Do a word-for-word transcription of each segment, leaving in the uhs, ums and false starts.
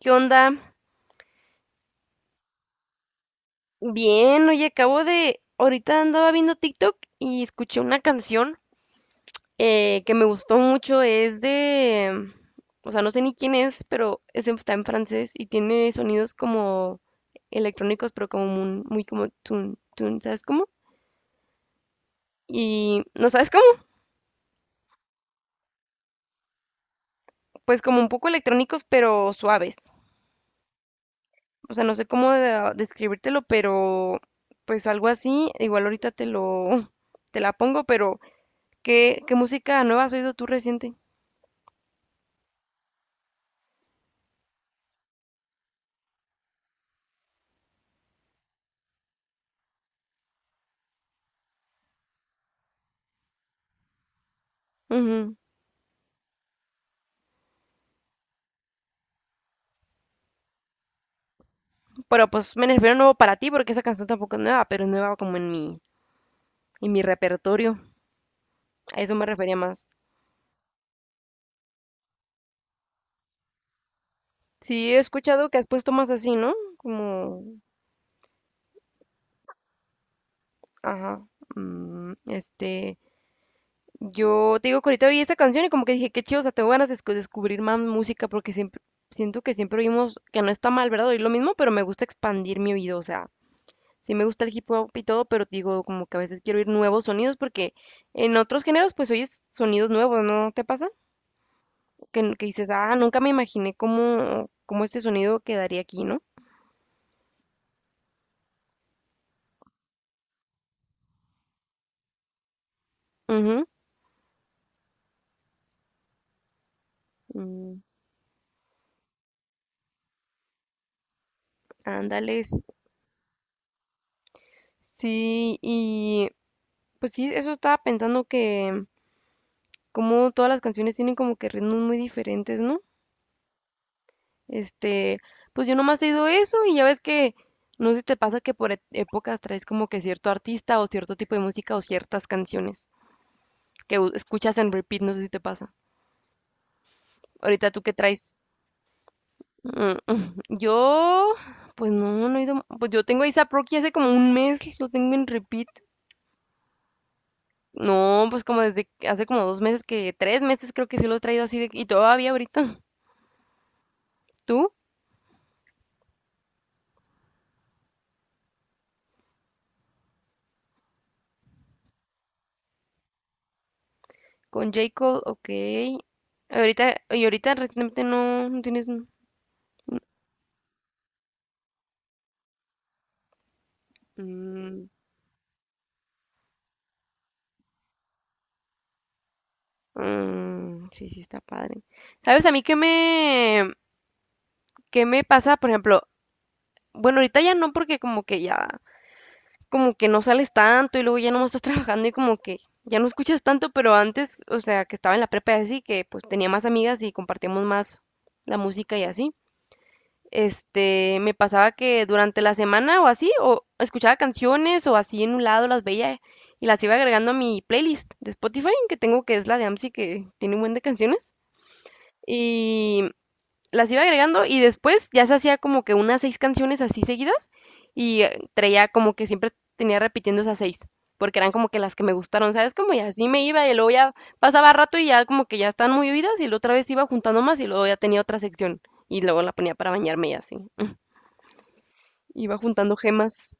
¿Qué onda? Bien, oye, acabo de, ahorita andaba viendo TikTok y escuché una canción eh, que me gustó mucho, es de, o sea, no sé ni quién es, pero es en- está en francés y tiene sonidos como electrónicos, pero como muy, muy como tun, tun, ¿sabes cómo? Y, ¿no sabes cómo? Pues como un poco electrónicos, pero suaves. O sea, no sé cómo de- describírtelo, pero pues algo así, igual ahorita te lo, te la pongo, pero... ¿Qué, qué música nueva has oído tú reciente? Ujú. Pero pues me refiero a nuevo para ti porque esa canción tampoco es nueva, pero es nueva como en mi, en mi repertorio. A eso me refería más. Sí, he escuchado que has puesto más así, ¿no? Como, ajá, mm, este, yo te digo que ahorita oí esa canción y como que dije, qué chido, o sea, tengo ganas de escu- descubrir más música porque siempre, siento que siempre oímos, que no está mal, ¿verdad? Oír lo mismo, pero me gusta expandir mi oído, o sea, sí me gusta el hip hop y todo, pero digo como que a veces quiero oír nuevos sonidos porque en otros géneros pues oyes sonidos nuevos, ¿no te pasa? Que, que dices, ah, nunca me imaginé cómo, cómo este sonido quedaría aquí, ¿no? Ujú, mm, ándales. Sí, y pues sí, eso estaba pensando que como todas las canciones tienen como que ritmos muy diferentes, ¿no? Este, pues yo nomás he ido eso y ya ves que no sé si te pasa que por e- épocas traes como que cierto artista o cierto tipo de música o ciertas canciones, que u- escuchas en repeat, no sé si te pasa. Ahorita tú qué traes. Mm, mm. Yo, pues no, no he ido. Pues yo tengo a ASAP Rocky hace como un mes, lo tengo en repeat. No, pues como desde que- hace como dos meses, que tres meses creo que sí lo he traído así de, y todavía ahorita. ¿Tú? Con J. Cole, ok. Ahorita, y ahorita recientemente no, no tienes. Mm, mm, sí, sí, está padre. ¿Sabes a mí qué me, qué me pasa? Por ejemplo, bueno, ahorita ya no, porque como que ya, como que no sales tanto y luego ya nomás estás trabajando y como que ya no escuchas tanto, pero antes, o sea, que estaba en la prepa y así, que pues tenía más amigas y compartíamos más la música y así. Este, me pasaba que durante la semana o así, o escuchaba canciones o así en un lado las veía y las iba agregando a mi playlist de Spotify, que tengo que es la de AMSI, que tiene un buen de canciones. Y las iba agregando y después ya se hacía como que unas seis canciones así seguidas y eh, traía como que siempre tenía repitiendo esas seis, porque eran como que las que me gustaron, ¿sabes? Como y así me iba y luego ya pasaba rato y ya como que ya estaban muy oídas y la otra vez iba juntando más y luego ya tenía otra sección y luego la ponía para bañarme y así. Iba juntando gemas.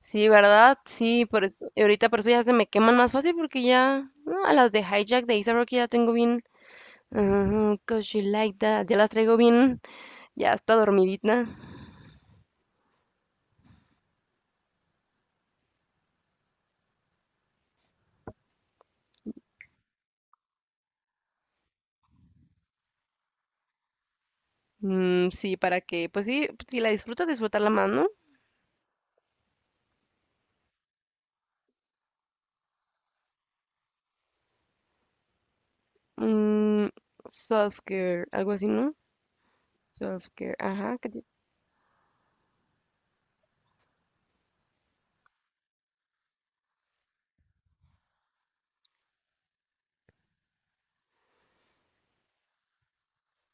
Sí, ¿verdad? Sí, por eso- y ahorita por eso ya se me queman más fácil porque ya ah, a las de Hijack de Isa Rocky ya tengo bien... ah, 'cause you like that, ya las traigo bien, ya está dormidita. Mm, sí, para que, pues sí, si la disfrutas, disfrutarla más, ¿no? Mm, self-care, algo así, ¿no? Self-care, ajá, que ti-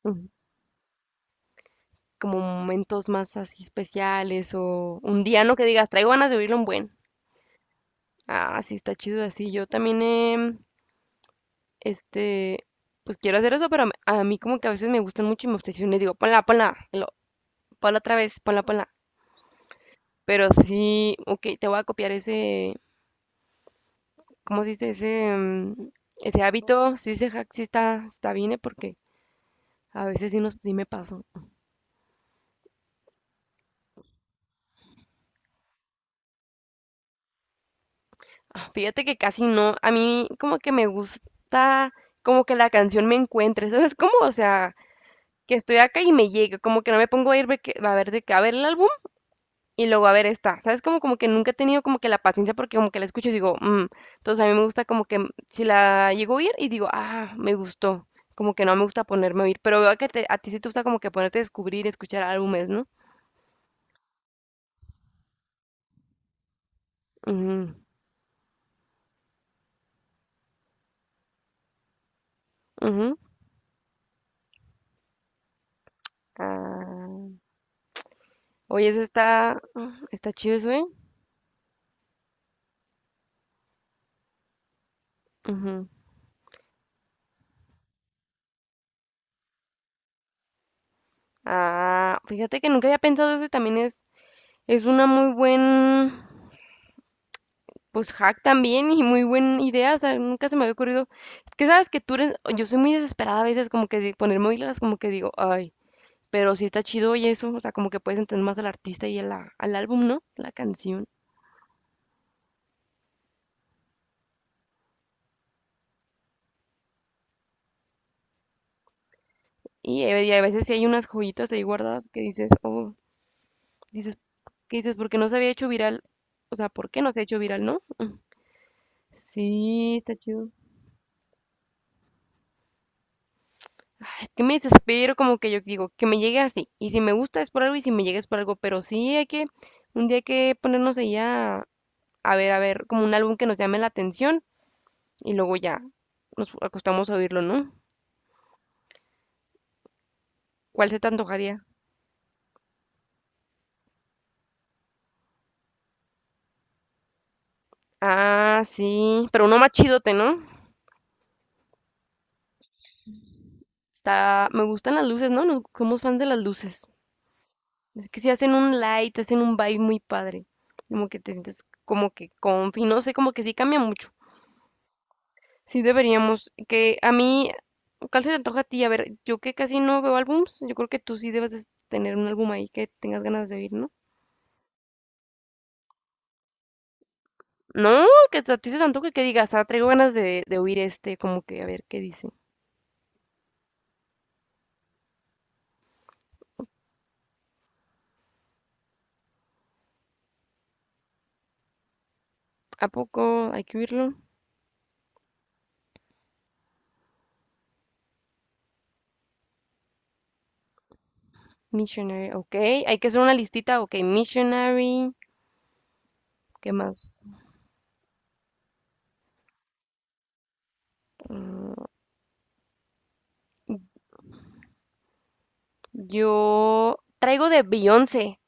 ujú, como momentos más así especiales o un día, ¿no? Que digas, traigo ganas de oírlo un buen. Ah, sí, está chido así. Yo también, em, este, pues quiero hacer eso, pero a mí a mí como que a veces me gustan mucho y me obsesiono y digo, ponla, ponla, y lo- ponla otra vez, ponla, ponla. Pero sí, ok, te voy a copiar ese, ¿cómo se dice? Ese, mm, ese hábito, sí, se jac- sí está, está bien, ¿eh? Porque a veces sí, nos, sí me paso. Ah, fíjate que casi no, a mí como que me gusta como que la canción me encuentre, ¿sabes cómo? O sea, que estoy acá y me llegue, como que no me pongo a ir ve que- a ver de que a ver el álbum y luego a ver esta, ¿sabes? Como, como que nunca he tenido como que la paciencia porque como que la escucho y digo, "Mm", entonces a mí me gusta como que mm, si la llego a oír y digo, ah, me gustó, como que no me gusta ponerme a oír, pero veo que te- a ti sí te gusta como que ponerte a descubrir, escuchar álbumes, ¿no? Ujú, ujú. Ah, oye, eso está, ah, está chido eso, ¿eh? Ujú. Ah, fíjate que nunca había pensado eso y también es, es una muy buen, pues hack también y muy buena idea, o sea, nunca se me había ocurrido. Es que sabes que tú eres, yo soy muy desesperada a veces, como que de ponerme oílas, como que digo, ay, pero sí está chido y eso, o sea, como que puedes entender más al artista y a la- al álbum, ¿no? La canción. Y, eh, y a veces sí hay unas joyitas ahí guardadas que dices, oh. Que dices, ¿por qué no se había hecho viral? O sea, ¿por qué no se ha hecho viral, no? Mm. Sí, está chido. Ay, es que me desespero como que yo digo, que me llegue así. Y si me gusta es por algo y si me llega es por algo. Pero sí hay que, un día hay que ponernos ahí a, a ver, a ver, como un álbum que nos llame la atención y luego ya nos acostamos a oírlo, ¿no? ¿Cuál se te antojaría? Ah, sí, pero uno más chidote, ¿no? Está, me gustan las luces, ¿no? Nos- somos fans de las luces. Es que si hacen un light, hacen un vibe muy padre. Como que te sientes como que confi, no sé, como que sí cambia mucho. Sí deberíamos, que a mí, ¿cuál se te antoja a ti? A ver, yo que casi no veo álbums, yo creo que tú sí debes de tener un álbum ahí que tengas ganas de oír, ¿no? No, que a ti se te antoje que digas, ah, traigo ganas de, de oír este, como que a ver qué dice. ¿A poco hay que oírlo? Missionary, ok. Hay que hacer una listita, ok. Missionary, ¿qué más? Mm, yo traigo de Beyoncé.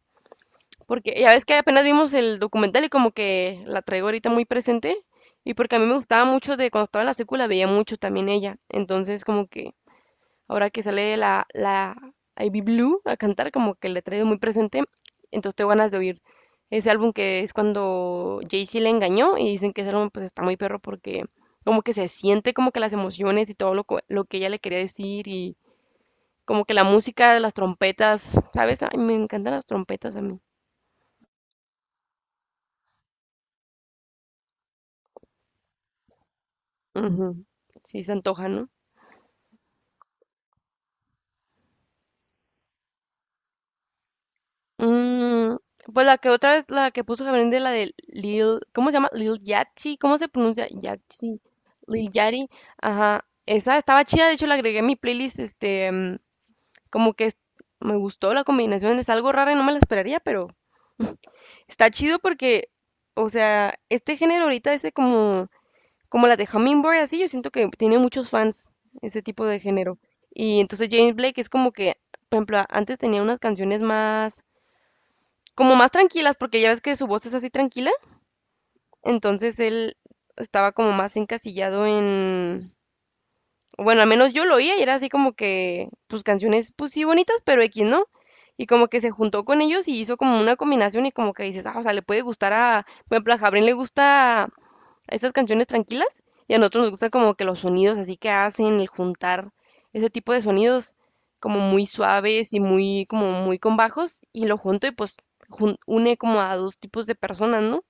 Porque ya ves que apenas vimos el documental y como que la traigo ahorita muy presente. Y porque a mí me gustaba mucho de cuando estaba en la secuela, veía mucho también ella. Entonces como que ahora que sale la, la Ivy Blue a cantar, como que la traigo muy presente. Entonces tengo ganas de oír ese álbum que es cuando Jay-Z le engañó y dicen que ese álbum pues está muy perro porque como que se siente como que las emociones y todo lo, co- lo que ella le quería decir y como que la música de las trompetas, ¿sabes? Ay, me encantan las trompetas a mí. Ujú. Sí, se antoja, ¿no? Mm, pues la que otra vez, la que puso Gabriel de la de Lil, ¿cómo se llama? Lil Yachty, ¿cómo se pronuncia? Yachty, Lil Yachty, ajá, esa estaba chida, de hecho la agregué a mi playlist, este, mm, como que es- me gustó la combinación, es algo rara y no me la esperaría, pero está chido porque, o sea, este género ahorita ese como como las de Hummingbird, así, yo siento que tiene muchos fans ese tipo de género. Y entonces James Blake es como que, por ejemplo, a- antes tenía unas canciones más, como más tranquilas, porque ya ves que su voz es así tranquila, entonces él estaba como más encasillado en, bueno, al menos yo lo oía y era así como que, pues canciones, pues sí bonitas, pero X, ¿no? Y como que se juntó con ellos y hizo como una combinación y como que dices, ah, o sea, le puede gustar a, por ejemplo, a Jabrín le gusta esas canciones tranquilas y a nosotros nos gusta como que los sonidos así que hacen, el juntar ese tipo de sonidos como muy suaves y muy como muy con bajos y lo junto y pues jun- une como a dos tipos de personas, ¿no?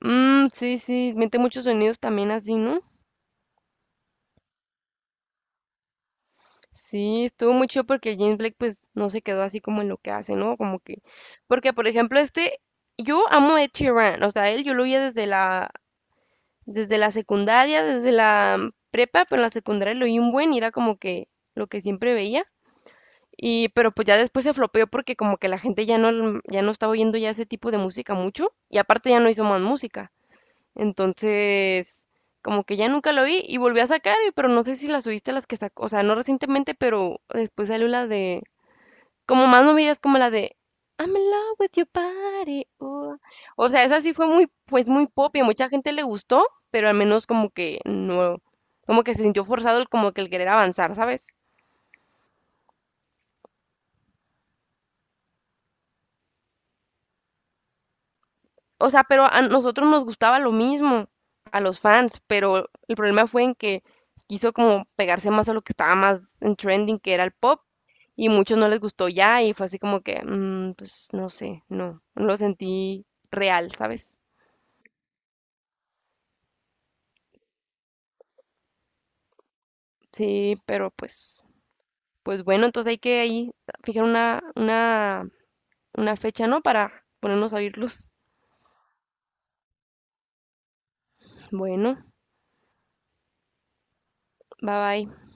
Mm, sí, sí, mete muchos sonidos también así, ¿no? Sí, estuvo muy chido porque James Blake pues no se quedó así como en lo que hace, ¿no? Como que porque por ejemplo este yo amo a Ed Sheeran, o sea, él yo lo oía desde la desde la secundaria, desde la prepa, pero en la secundaria lo oí un buen y era como que lo que siempre veía. Y, pero pues ya después se flopeó porque como que la gente ya no, mm, ya no estaba oyendo ya ese tipo de música mucho y aparte ya no hizo más música. Entonces, como que ya nunca lo oí y volví a sacar, y- pero no sé si las oíste las que sacó, o sea, no recientemente, pero después salió la de como más movidas como la de I'm in love with your body. Oh. O sea, esa sí fue muy, pues muy pop y a mucha gente le gustó, pero al menos como que no, como que se sintió forzado el como que el querer avanzar, ¿sabes? O sea, pero a nosotros nos gustaba lo mismo, a los fans, pero el problema fue en que quiso como pegarse más a lo que estaba más en trending, que era el pop, y muchos no les gustó ya, y fue así como que, mm, pues no sé, no, no lo sentí real, ¿sabes? Sí, pero pues. Pues bueno, entonces hay que ahí fijar una, una, una fecha, ¿no? Para ponernos a oírlos. Bueno, bye bye.